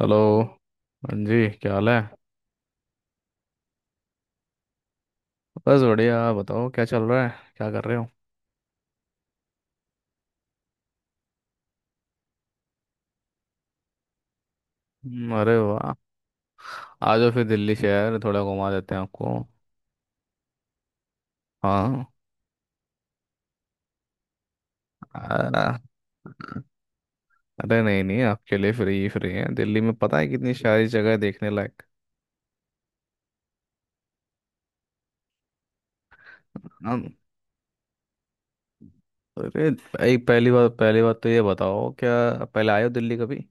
Hello. हाँ जी, क्या हाल है? बस बढ़िया, आप बताओ, क्या चल रहा है? क्या कर रहे हो? अरे वाह। आ जाओ फिर, दिल्ली शहर थोड़ा घुमा देते हैं आपको। हाँ, आ, अरे नहीं नहीं, आपके लिए फ्री ही फ्री है। दिल्ली में पता है कितनी सारी जगह है देखने लायक। हाँ, अरे एक पहली बात, पहली बात तो ये बताओ क्या — पहले आए हो दिल्ली कभी?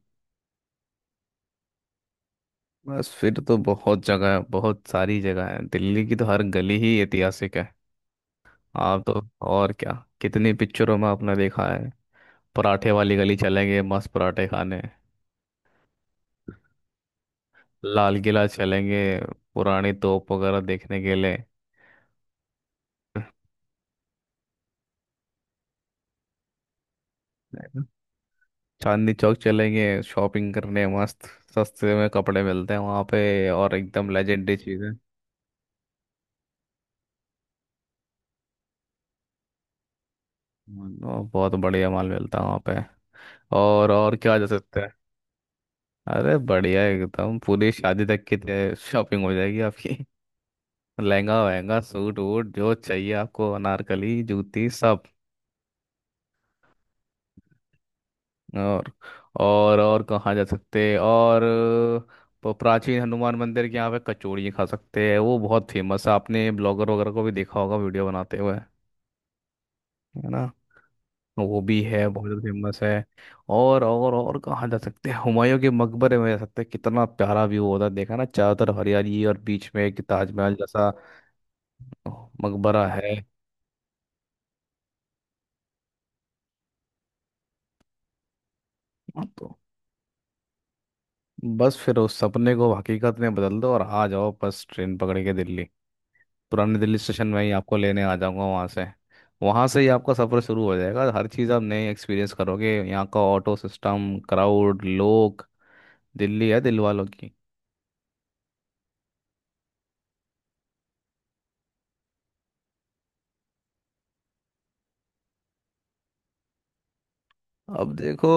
बस फिर तो बहुत जगह है, बहुत सारी जगह है। दिल्ली की तो हर गली ही ऐतिहासिक है। आप तो, और क्या, कितनी पिक्चरों में आपने देखा है। पराठे वाली गली चलेंगे मस्त पराठे खाने। लाल किला चलेंगे, पुरानी तोप वगैरह देखने के लिए। चांदनी चौक चलेंगे शॉपिंग करने मस्त, सस्ते में कपड़े मिलते हैं वहाँ पे, और एकदम लेजेंडरी चीज़ें, और बहुत बढ़िया माल मिलता है वहाँ पे। और क्या जा सकता है? अरे बढ़िया, एकदम पूरी शादी तक की शॉपिंग हो जाएगी आपकी। लहंगा वहंगा सूट वूट, जो चाहिए आपको, अनारकली जूती सब। और और कहाँ जा सकते हैं और? प्राचीन हनुमान मंदिर के यहाँ पे कचौड़ी खा सकते हैं, वो बहुत फेमस है। आपने ब्लॉगर वगैरह को भी देखा होगा वीडियो बनाते हुए, है ना? वो भी है, बहुत फेमस है। और कहाँ जा सकते हैं? हुमायूं के मकबरे में जा सकते हैं, कितना प्यारा व्यू होता है। देखा ना, चारों तरफ हरियाली और बीच में एक ताजमहल जैसा मकबरा है। हाँ, तो बस फिर उस सपने को हकीकत में बदल दो और आ जाओ, बस ट्रेन पकड़ के दिल्ली। पुराने दिल्ली स्टेशन में ही आपको लेने आ जाऊंगा वहाँ से। वहाँ से ही आपका सफ़र शुरू हो जाएगा, हर चीज़ आप नए एक्सपीरियंस करोगे, यहाँ का ऑटो सिस्टम, क्राउड, लोग। दिल्ली है दिल वालों की। अब देखो,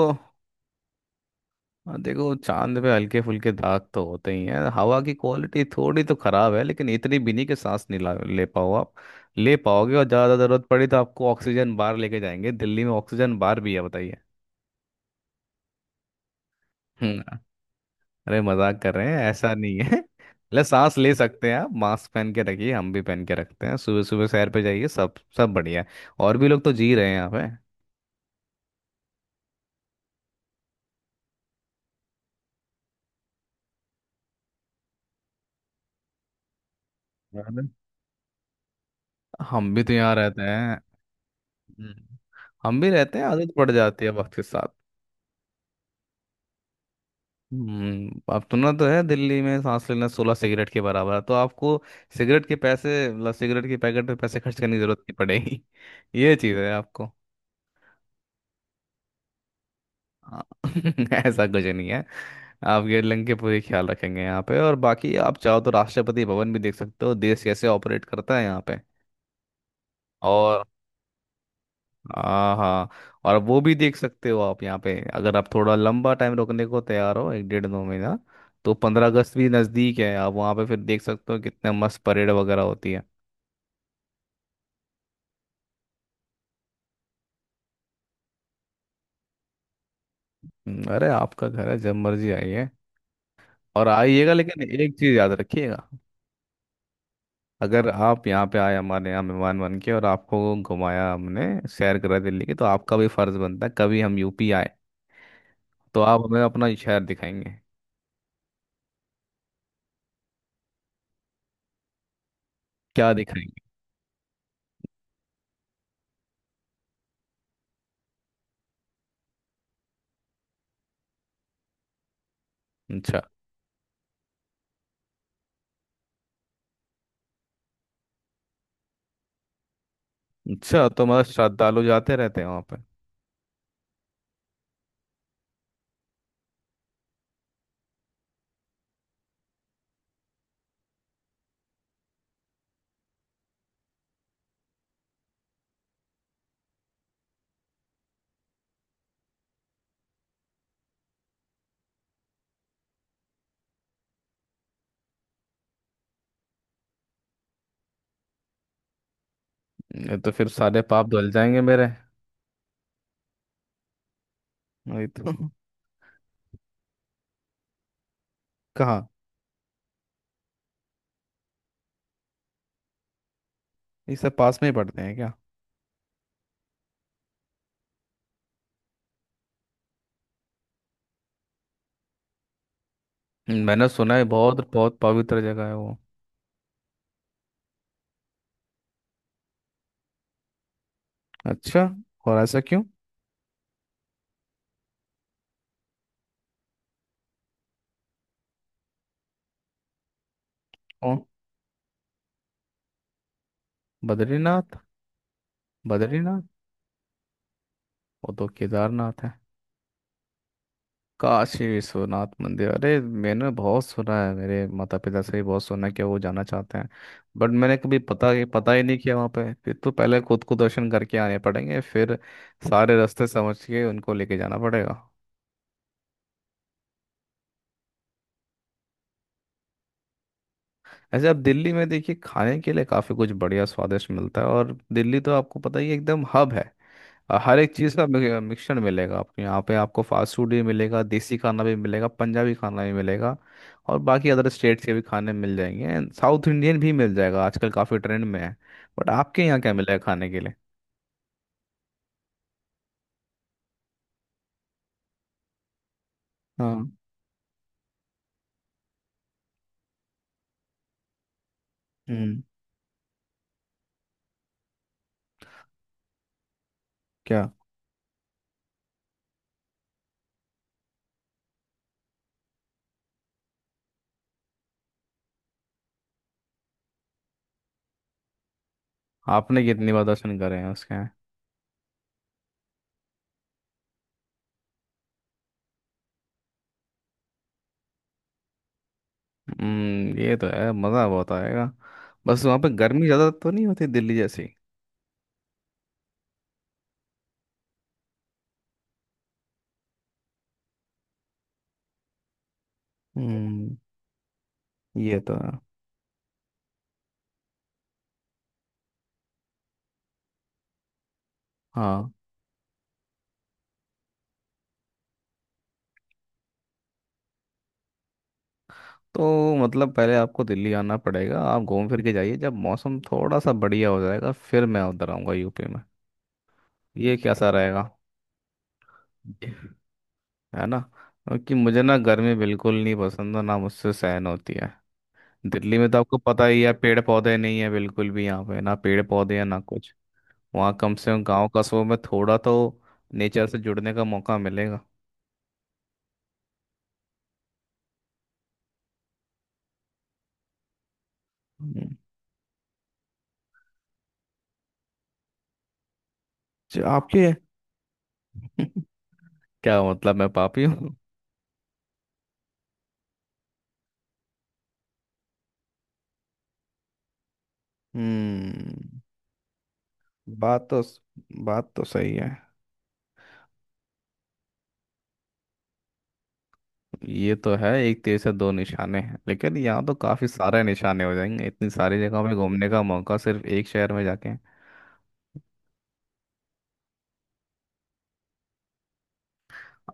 देखो, चांद पे हल्के फुल्के दाग तो होते ही हैं, हवा की क्वालिटी थोड़ी तो ख़राब है लेकिन इतनी भी नहीं कि सांस नहीं ला ले पाओ आप, ले पाओगे। और ज़्यादा ज़रूरत पड़ी तो आपको ऑक्सीजन बार लेके जाएंगे, दिल्ली में ऑक्सीजन बार भी है, बताइए। हम्म। अरे मजाक कर रहे हैं, ऐसा नहीं है। ले सांस ले सकते हैं आप, मास्क पहन के रखिए, हम भी पहन के रखते हैं, सुबह सुबह सैर पे जाइए, सब सब बढ़िया है। और भी लोग तो जी रहे हैं यहाँ पे। अरे। हम भी तो यहाँ रहते हैं। हम्म। हम भी रहते हैं, आदत पड़ जाती है वक्त के साथ। हम्म, अब सुना तो है दिल्ली में सांस लेना 16 सिगरेट के बराबर है, तो आपको सिगरेट के पैसे, मतलब सिगरेट के पैकेट पे पैसे खर्च करने की जरूरत नहीं पड़ेगी। ये चीज़ है आपको। हाँ, ऐसा कुछ नहीं है, आप गेटलिंग के पूरे ख्याल रखेंगे यहाँ पे। और बाकी आप चाहो तो राष्ट्रपति भवन भी देख सकते हो, देश कैसे ऑपरेट करता है यहाँ पे। और हाँ, हाँ, और वो भी देख सकते हो आप यहाँ पे, अगर आप थोड़ा लंबा टाइम रुकने को तैयार हो एक डेढ़ दो महीना, तो 15 अगस्त भी नज़दीक है, आप वहाँ पे फिर देख सकते हो कितने मस्त परेड वगैरह होती है। अरे आपका घर है, जब मर्जी आइए। और आइएगा, लेकिन एक चीज़ याद रखिएगा — अगर आप यहाँ पे आए हमारे यहाँ मेहमान बन के, और आपको घुमाया हमने, सैर करा दिल्ली की, तो आपका भी फर्ज बनता है कभी हम यूपी आए तो आप हमें अपना शहर दिखाएंगे, क्या दिखाएंगे? अच्छा, अच्छा, तो मतलब श्रद्धालु जाते रहते हैं वहाँ पे। ये तो फिर सारे पाप धुल जाएंगे मेरे। वही तो। कहाँ? ये सब पास में ही पड़ते हैं क्या? मैंने सुना है बहुत बहुत पवित्र जगह है वो। अच्छा, और ऐसा क्यों? ओ, बद्रीनाथ? बद्रीनाथ? वो तो केदारनाथ है। काशी विश्वनाथ मंदिर, अरे मैंने बहुत सुना है, मेरे माता पिता से भी बहुत सुना है कि वो जाना चाहते हैं। बट मैंने कभी पता पता ही नहीं किया वहाँ पे। फिर तो पहले खुद को दर्शन करके आने पड़ेंगे, फिर सारे रास्ते समझ के उनको लेके जाना पड़ेगा। ऐसे आप दिल्ली में देखिए, खाने के लिए काफ़ी कुछ बढ़िया स्वादिष्ट मिलता है, और दिल्ली तो आपको पता ही है, एकदम हब है। हर एक चीज़ का मिक्सचर मिलेगा आपको यहाँ पे। आपको फास्ट फूड भी मिलेगा, देसी खाना भी मिलेगा, पंजाबी खाना भी मिलेगा, और बाकी अदर स्टेट्स के भी खाने मिल जाएंगे, एंड साउथ इंडियन भी मिल जाएगा, आजकल काफ़ी ट्रेंड में है। बट आपके यहाँ क्या मिलेगा खाने के लिए? हाँ, हम्म, क्या? आपने कितनी बार दर्शन करे हैं उसके यहाँ? हम्म, ये तो है, मज़ा बहुत आएगा। बस वहाँ पे गर्मी ज़्यादा तो नहीं होती दिल्ली जैसी? हम्म, ये तो है। हाँ, तो मतलब पहले आपको दिल्ली आना पड़ेगा, आप घूम फिर के जाइए, जब मौसम थोड़ा सा बढ़िया हो जाएगा फिर मैं उधर आऊँगा यूपी में। ये कैसा रहेगा, है ना? क्योंकि मुझे ना गर्मी बिल्कुल नहीं पसंद और ना मुझसे सहन होती है। दिल्ली में तो आपको पता ही है, पेड़ पौधे नहीं है बिल्कुल भी यहाँ पे, ना पेड़ पौधे हैं ना कुछ। वहाँ कम से कम गाँव कस्बों में थोड़ा तो नेचर से जुड़ने का मौका मिलेगा। हम्म, जो आपके… क्या मतलब, मैं पापी हूँ? हम्म, बात तो बात तो सही है। ये तो है, एक तीर से दो निशाने हैं, लेकिन यहाँ तो काफी सारे निशाने हो जाएंगे, इतनी सारी जगह में घूमने का मौका सिर्फ एक शहर में जाके।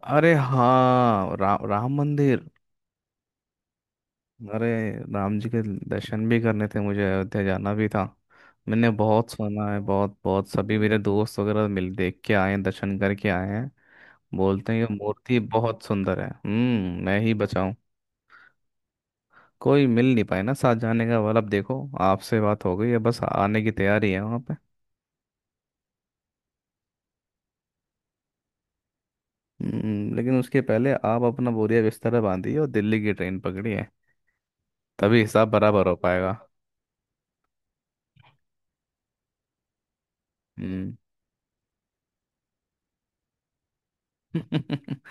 अरे हाँ, राम मंदिर। अरे, राम जी के दर्शन भी करने थे मुझे, अयोध्या जाना भी था। मैंने बहुत सुना है, बहुत बहुत सभी मेरे दोस्त वगैरह मिल देख के आए हैं, दर्शन करके आए हैं, बोलते हैं ये मूर्ति बहुत सुंदर है। हम्म, मैं ही बचाऊं, कोई मिल नहीं पाए ना साथ जाने का वाला। अब देखो आपसे बात हो गई है, बस आने की तैयारी है वहाँ। लेकिन उसके पहले आप अपना बोरिया बिस्तर बांधिए और दिल्ली की ट्रेन पकड़िए, तभी हिसाब बराबर हो पाएगा। हम्म।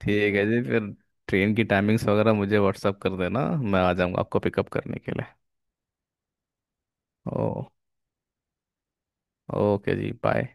ठीक है जी, फिर ट्रेन की टाइमिंग्स वगैरह मुझे व्हाट्सअप कर देना, मैं आ जाऊंगा आपको पिकअप करने के लिए। ओ, ओके जी, बाय।